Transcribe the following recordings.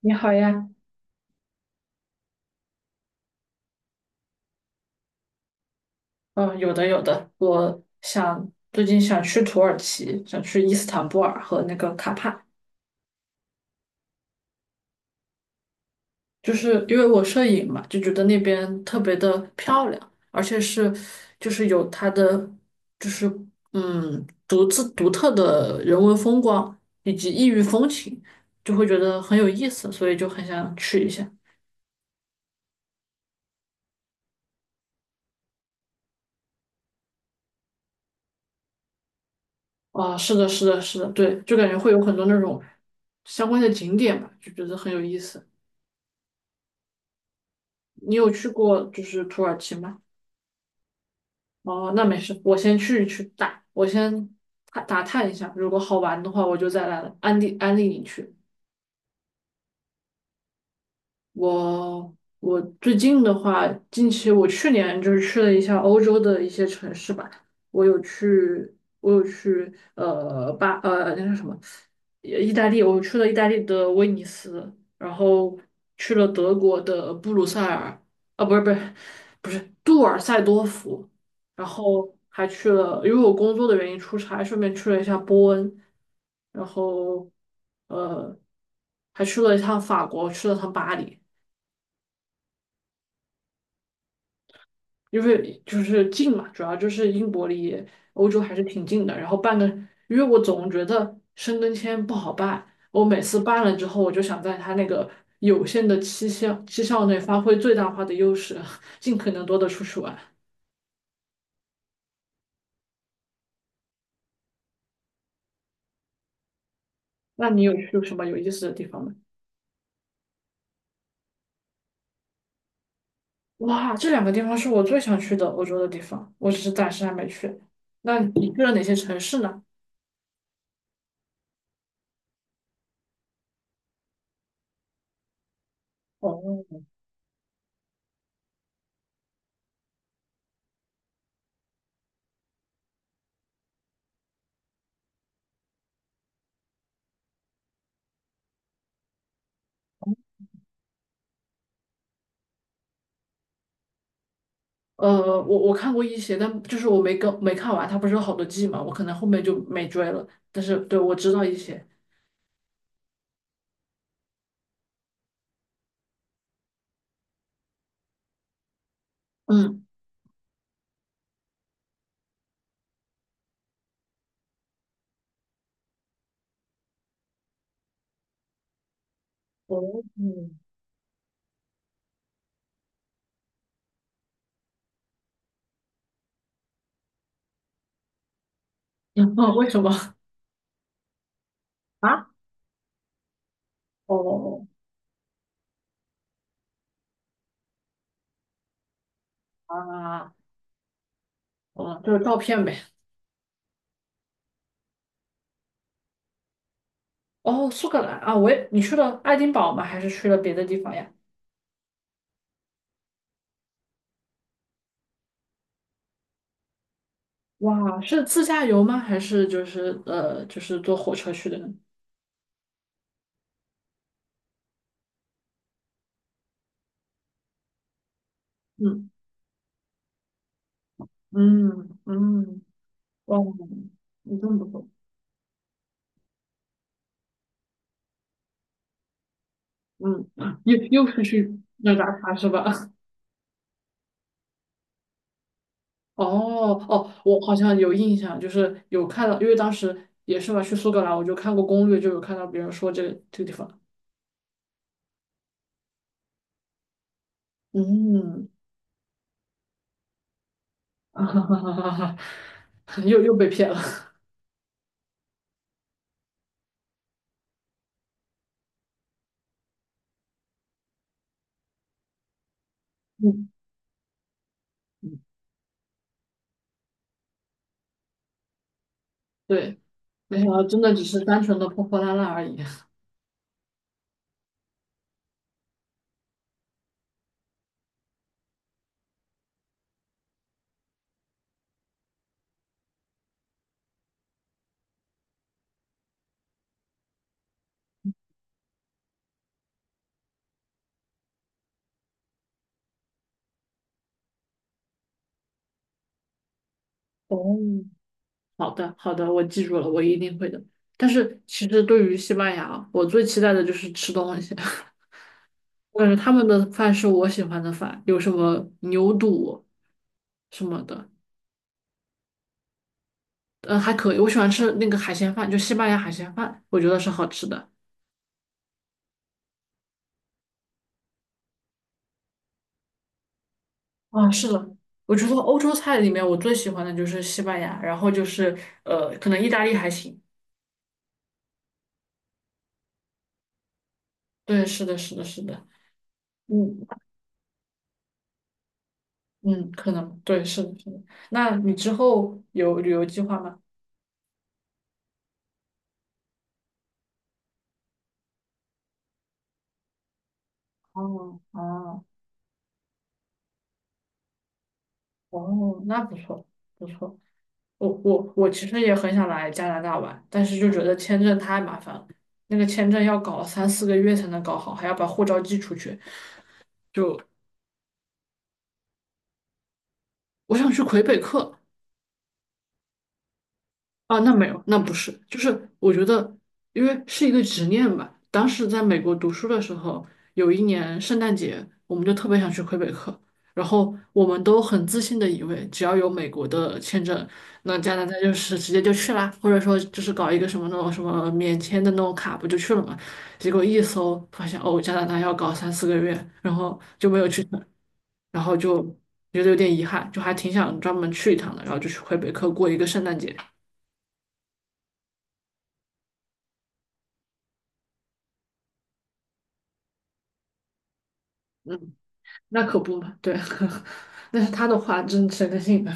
你好呀，嗯，有的有的，我想最近想去土耳其，想去伊斯坦布尔和那个卡帕，就是因为我摄影嘛，就觉得那边特别的漂亮，而且是就是有它的就是独特的人文风光以及异域风情，就会觉得很有意思，所以就很想去一下。啊，是的，是的，是的，对，就感觉会有很多那种相关的景点吧，就觉得很有意思。你有去过就是土耳其吗？哦，那没事，我先去去打，我先打打探一下，如果好玩的话，我就再来安利安利你去。我最近的话，近期我去年就是去了一下欧洲的一些城市吧，我有去呃巴呃那个什么，意大利，我去了意大利的威尼斯，然后去了德国的布鲁塞尔，啊不是不是不是杜尔塞多夫，然后还去了，因为我工作的原因出差，顺便去了一下波恩，然后呃还去了一趟法国，去了趟巴黎。因为就是近嘛，主要就是英国离欧洲还是挺近的。然后办个，因为我总觉得申根签不好办，我每次办了之后，我就想在它那个有限的期限期效内发挥最大化的优势，尽可能多的出去玩。那你有去什么有意思的地方吗？哇，这两个地方是我最想去的欧洲的地方，我只是暂时还没去。那你去了哪些城市呢？哦，我看过一些，但就是我没看完，它不是有好多季嘛，我可能后面就没追了。但是对，我知道一些，嗯，哦，嗯后 为什么？啊，哦啊，哦。就是照片呗。哦，苏格兰啊，我也，你去了爱丁堡吗？还是去了别的地方呀？哇，是自驾游吗？还是就是坐火车去的呢？嗯嗯嗯，哇，你真不错。嗯，又又是去那打卡是吧？哦哦，我好像有印象，就是有看到，因为当时也是嘛，去苏格兰我就看过攻略，就有看到别人说这个这个地方，嗯，又被骗了，嗯，对，没想到真的只是单纯的破破烂烂而已。哦，好的好的，我记住了，我一定会的。但是其实对于西班牙，我最期待的就是吃东西，我感觉他们的饭是我喜欢的饭，有什么牛肚什么的。嗯，还可以，我喜欢吃那个海鲜饭，就西班牙海鲜饭，我觉得是好吃的。啊，是的，我觉得欧洲菜里面我最喜欢的就是西班牙，然后就是可能意大利还行。对，是的，是的，是的，嗯嗯，可能对，是的，是的。那你之后有旅游计划吗？哦哦哦，那不错不错。我其实也很想来加拿大玩，但是就觉得签证太麻烦了，那个签证要搞三四个月才能搞好，还要把护照寄出去。就。我想去魁北克啊，那没有，那不是，就是我觉得，因为是一个执念吧。当时在美国读书的时候，有一年圣诞节，我们就特别想去魁北克，然后我们都很自信的以为，只要有美国的签证，那加拿大就是直接就去啦，或者说就是搞一个什么那种什么免签的那种卡，不就去了嘛？结果一搜发现，哦，加拿大要搞三四个月，然后就没有去成。然后就觉得有点遗憾，就还挺想专门去一趟的，然后就去魁北克过一个圣诞节。嗯，那可不嘛，对，那是他的话，真谁能信呢？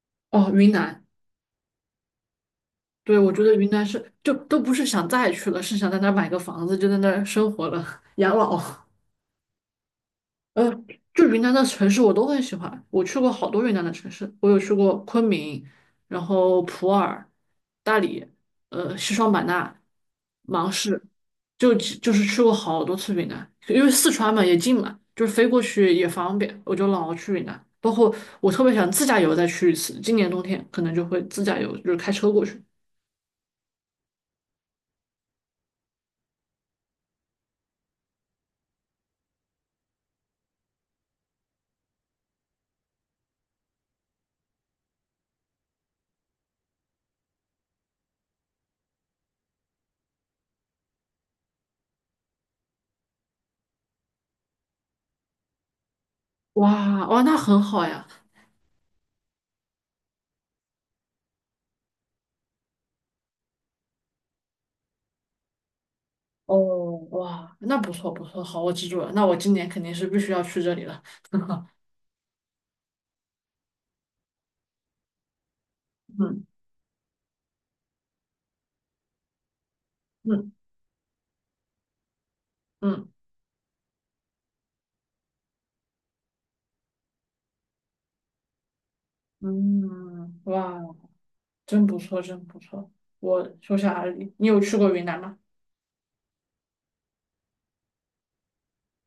哦，云南，对，我觉得云南是就都不是想再去了，是想在那儿买个房子，就在那儿生活了，养老。呃，就云南的城市我都很喜欢，我去过好多云南的城市，我有去过昆明，然后普洱、大理，呃，西双版纳、芒市，就就是去过好多次云南，因为四川嘛也近嘛，就是飞过去也方便，我就老去云南。包括我特别想自驾游再去一次，今年冬天可能就会自驾游，就是开车过去。哇哇，那很好呀！哦哇，那不错不错，好，我记住了，那我今年肯定是必须要去这里了。嗯。嗯嗯嗯，哇，真不错，真不错。我说下阿里，你有去过云南吗？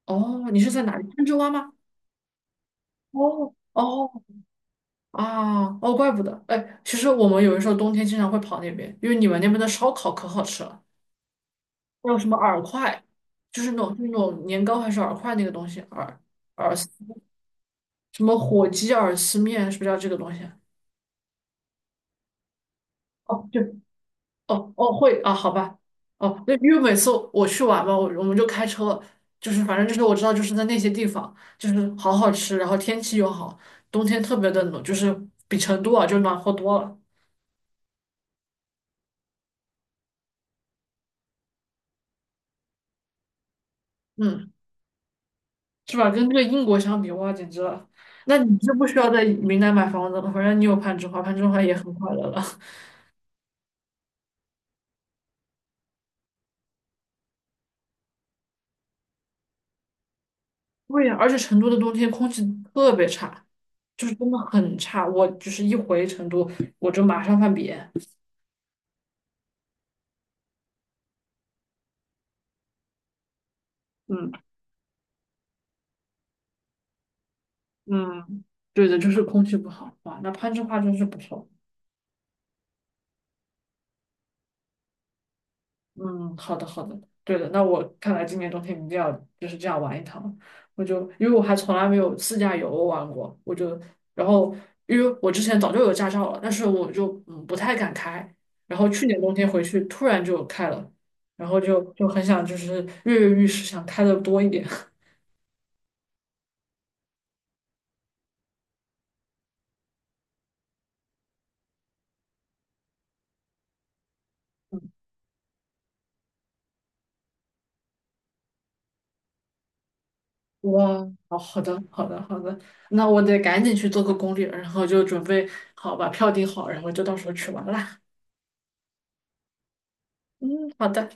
哦，你是在哪里？攀枝花吗？哦哦啊哦，怪不得。哎，其实我们有的时候冬天经常会跑那边，因为你们那边的烧烤可好吃了，还有什么饵块，就是那种就是那种年糕还是饵块那个东西，饵饵丝什么火鸡饵丝面，是不是叫这个东西？哦，对，哦哦会啊，好吧，哦，那因为每次我去玩嘛，我们就开车，就是反正就是我知道就是在那些地方，就是好好吃，然后天气又好，冬天特别的冷，就是比成都啊就暖和多了，嗯，是吧？跟这个英国相比，哇，简直了！那你就不需要在云南买房子了，反正你有攀枝花，攀枝花也很快乐了。对呀，而且成都的冬天空气特别差，就是真的很差，我就是一回成都我就马上犯鼻炎。嗯。嗯，对的，就是空气不好哇，那攀枝花真是不错。嗯，好的好的，对的，那我看来今年冬天一定要就是这样玩一趟。我就因为我还从来没有自驾游玩过，我就然后因为我之前早就有驾照了，但是我就不太敢开。然后去年冬天回去突然就开了，然后就很想就是跃跃欲试，想开的多一点。哇，好好的，好的，好的，那我得赶紧去做个攻略，然后就准备好把票订好，然后就到时候去玩啦。嗯，好的。